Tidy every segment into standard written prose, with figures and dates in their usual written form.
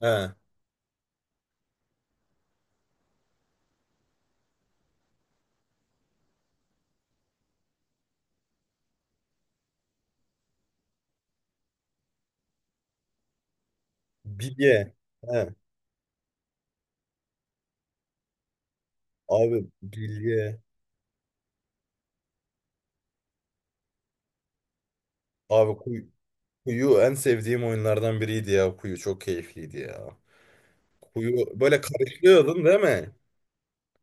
He. Bilye. He. Abi bilye. Abi kuyu, Kuyu en sevdiğim oyunlardan biriydi ya. Kuyu çok keyifliydi ya. Kuyu böyle karışlıyordun, değil mi?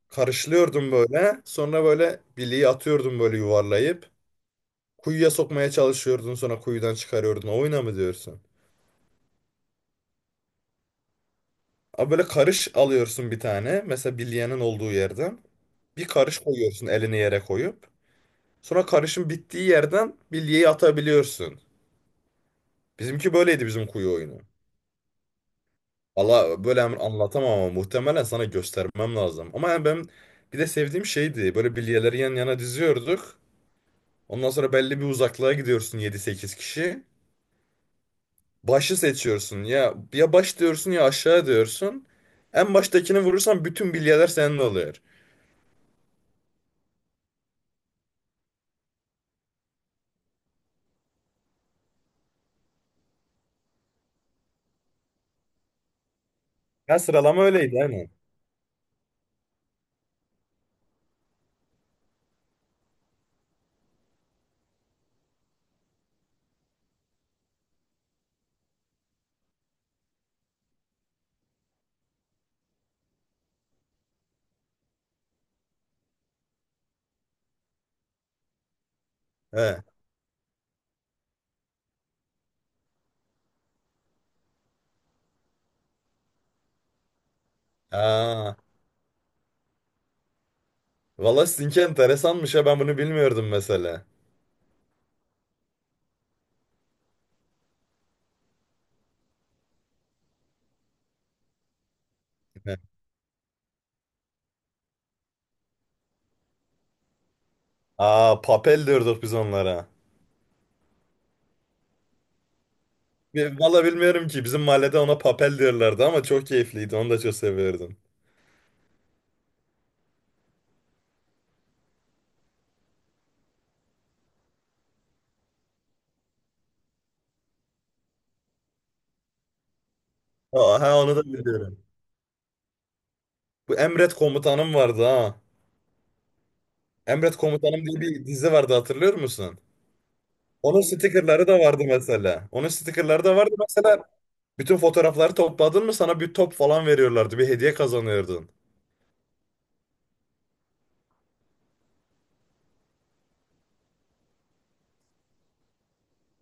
Karışlıyordun böyle. Sonra böyle bilyeyi atıyordun böyle yuvarlayıp. Kuyuya sokmaya çalışıyordun, sonra kuyudan çıkarıyordun. O oyuna mı diyorsun? Abi böyle karış alıyorsun bir tane. Mesela bilyenin olduğu yerden. Bir karış koyuyorsun, elini yere koyup. Sonra karışın bittiği yerden bilyeyi atabiliyorsun. Bizimki böyleydi, bizim kuyu oyunu. Valla böyle hemen anlatamam ama muhtemelen sana göstermem lazım. Ama yani ben bir de sevdiğim şeydi. Böyle bilyeleri yan yana diziyorduk. Ondan sonra belli bir uzaklığa gidiyorsun, yedi sekiz kişi. Başı seçiyorsun. Ya ya baş diyorsun ya aşağı diyorsun. En baştakini vurursan bütün bilyeler senin oluyor. Ya, sıralama öyleydi hani. He. Aa, valla sizinki enteresanmış ya, ben bunu bilmiyordum mesela. He. Aa, papel diyorduk biz onlara. Ve valla bilmiyorum ki, bizim mahallede ona papel diyorlardı ama çok keyifliydi, onu da çok seviyordum. Ha, ha, onu da biliyorum. Bu Emret Komutanım vardı ha. Emret Komutanım diye bir dizi vardı, hatırlıyor musun? Onun stikerleri de vardı mesela. Onun stikerleri de vardı mesela. Bütün fotoğrafları topladın mı sana bir top falan veriyorlardı. Bir hediye kazanıyordun.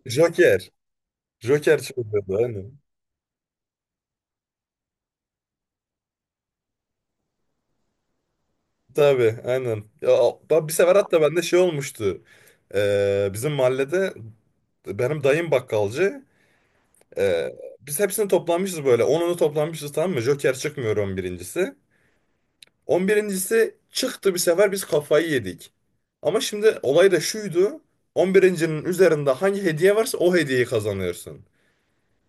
Joker. Joker çıkıyordu aynen. Tabii aynen. Ya, bir sefer hatta bende şey olmuştu. Bizim mahallede benim dayım bakkalcı. Biz hepsini toplanmışız böyle. 10'unu toplanmışız, tamam mı? Joker çıkmıyor, on birincisi çıktı bir sefer, biz kafayı yedik. Ama şimdi olay da şuydu. 11'incinin üzerinde hangi hediye varsa o hediyeyi kazanıyorsun.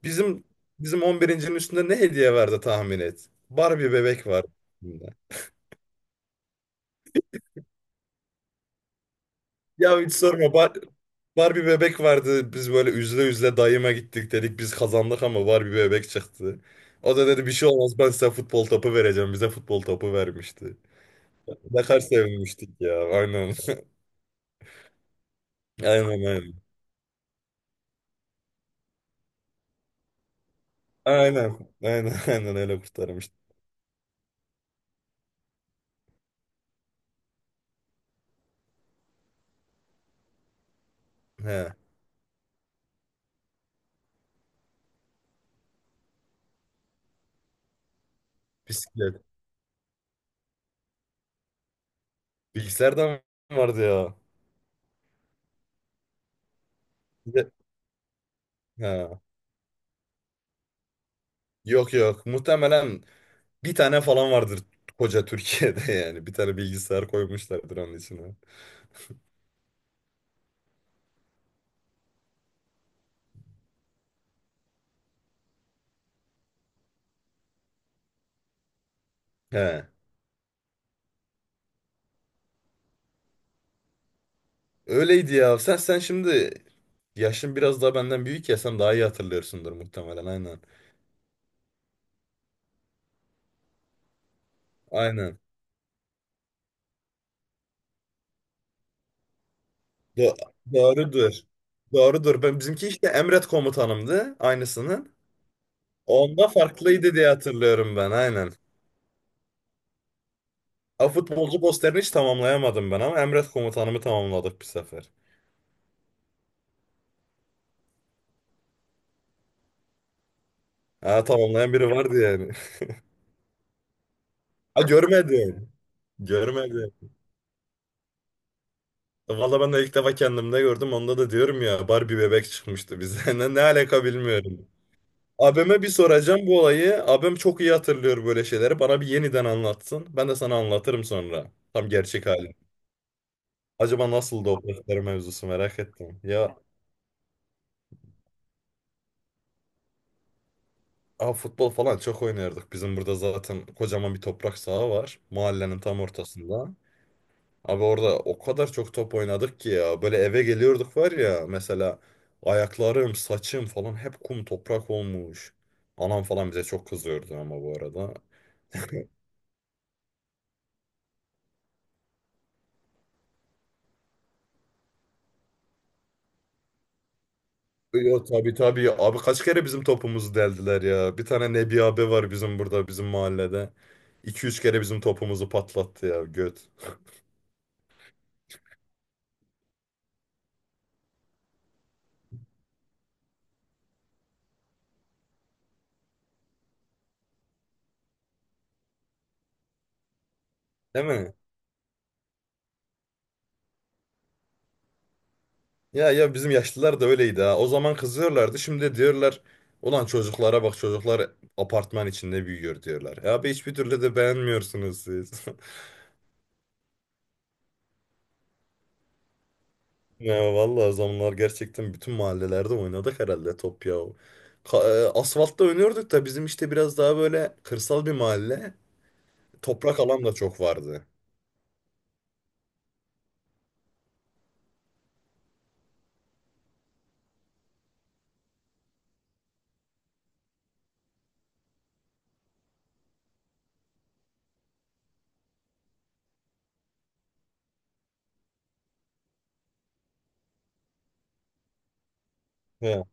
Bizim bizim 11'incinin üstünde ne hediye vardı tahmin et. Barbie bebek var. Üstünde. Ya hiç sorma. Barbie bebek vardı. Biz böyle üzle üzle dayıma gittik, dedik. Biz kazandık ama Barbie bebek çıktı. O da dedi, bir şey olmaz, ben size futbol topu vereceğim. Bize futbol topu vermişti. Ne kadar sevinmiştik ya. Aynen. Aynen, aynen. Aynen. Aynen aynen öyle kurtarmıştık. He. Bisiklet. Bilgisayar da mı vardı ya? Bir de- He. Yok yok. Muhtemelen bir tane falan vardır koca Türkiye'de yani. Bir tane bilgisayar koymuşlardır onun içine. He. Öyleydi ya. Sen şimdi yaşın biraz daha benden büyük ya, sen daha iyi hatırlıyorsundur muhtemelen, aynen. Aynen. Do- Doğrudur. Doğrudur. Ben bizimki işte Emret Komutanımdı aynısının. Onda farklıydı diye hatırlıyorum ben, aynen. Futbolcu posterini hiç tamamlayamadım ben ama Emret Komutanımı tamamladık bir sefer. Ha, tamamlayan biri vardı yani. Ha, görmedim. Görmedim. Valla ben de ilk defa kendimde gördüm. Onda da diyorum ya, Barbie bebek çıkmıştı bize. Ne alaka bilmiyorum. Abime bir soracağım bu olayı. Abim çok iyi hatırlıyor böyle şeyleri. Bana bir yeniden anlatsın. Ben de sana anlatırım sonra. Tam gerçek hali. Acaba nasıldı o poster mevzusu, merak ettim. Ya, aa, futbol falan çok oynardık. Bizim burada zaten kocaman bir toprak saha var. Mahallenin tam ortasında. Abi orada o kadar çok top oynadık ki ya. Böyle eve geliyorduk var ya, mesela ayaklarım, saçım falan hep kum toprak olmuş. Anam falan bize çok kızıyordu ama bu arada. Yo tabii tabii. Abi kaç kere bizim topumuzu deldiler ya. Bir tane Nebi abi var bizim burada, bizim mahallede. İki üç kere bizim topumuzu patlattı ya göt. Değil mi? Ya ya bizim yaşlılar da öyleydi ha. O zaman kızıyorlardı. Şimdi de diyorlar ulan, çocuklara bak, çocuklar apartman içinde büyüyor diyorlar. E abi hiçbir türlü de beğenmiyorsunuz siz. Ya vallahi o zamanlar gerçekten bütün mahallelerde oynadık herhalde top ya. Asfaltta oynuyorduk da bizim, işte biraz daha böyle kırsal bir mahalle. Toprak alan da çok vardı. He.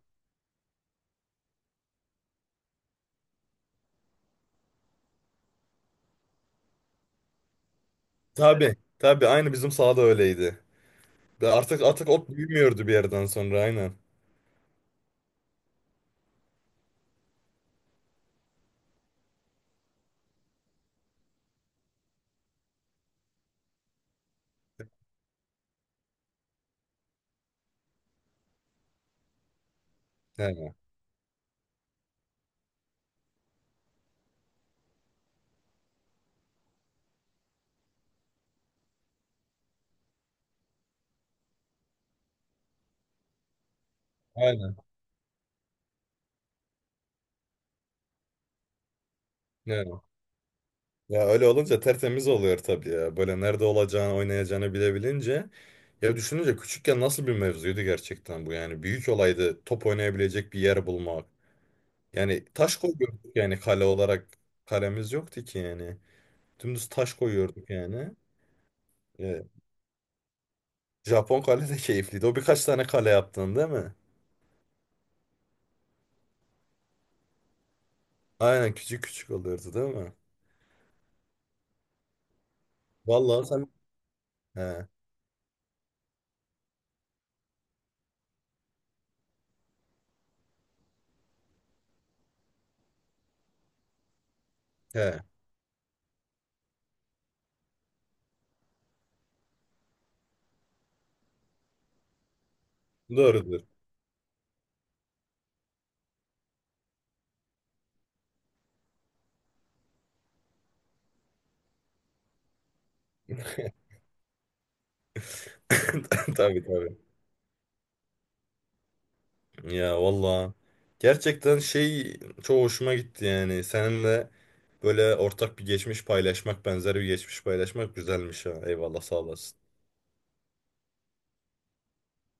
Tabii tabii aynı bizim sahada öyleydi. Ve artık ot büyümüyordu bir yerden sonra, aynen. He, aynen. He. Ya öyle olunca tertemiz oluyor tabii ya. Böyle nerede olacağını, oynayacağını bilebilince. Ya düşününce küçükken nasıl bir mevzuydu gerçekten bu yani. Büyük olaydı top oynayabilecek bir yer bulmak. Yani taş koyuyorduk yani, kale olarak kalemiz yoktu ki yani. Dümdüz taş koyuyorduk yani. Ya, Japon kale de keyifliydi. O birkaç tane kale yaptın, değil mi? Aynen, küçük küçük oluyordu değil mi? Vallahi sen... He, he. Doğrudur. Tabii tabii. Ya valla, gerçekten şey, çok hoşuma gitti yani seninle böyle ortak bir geçmiş paylaşmak, benzer bir geçmiş paylaşmak güzelmiş ha, eyvallah, sağ olasın.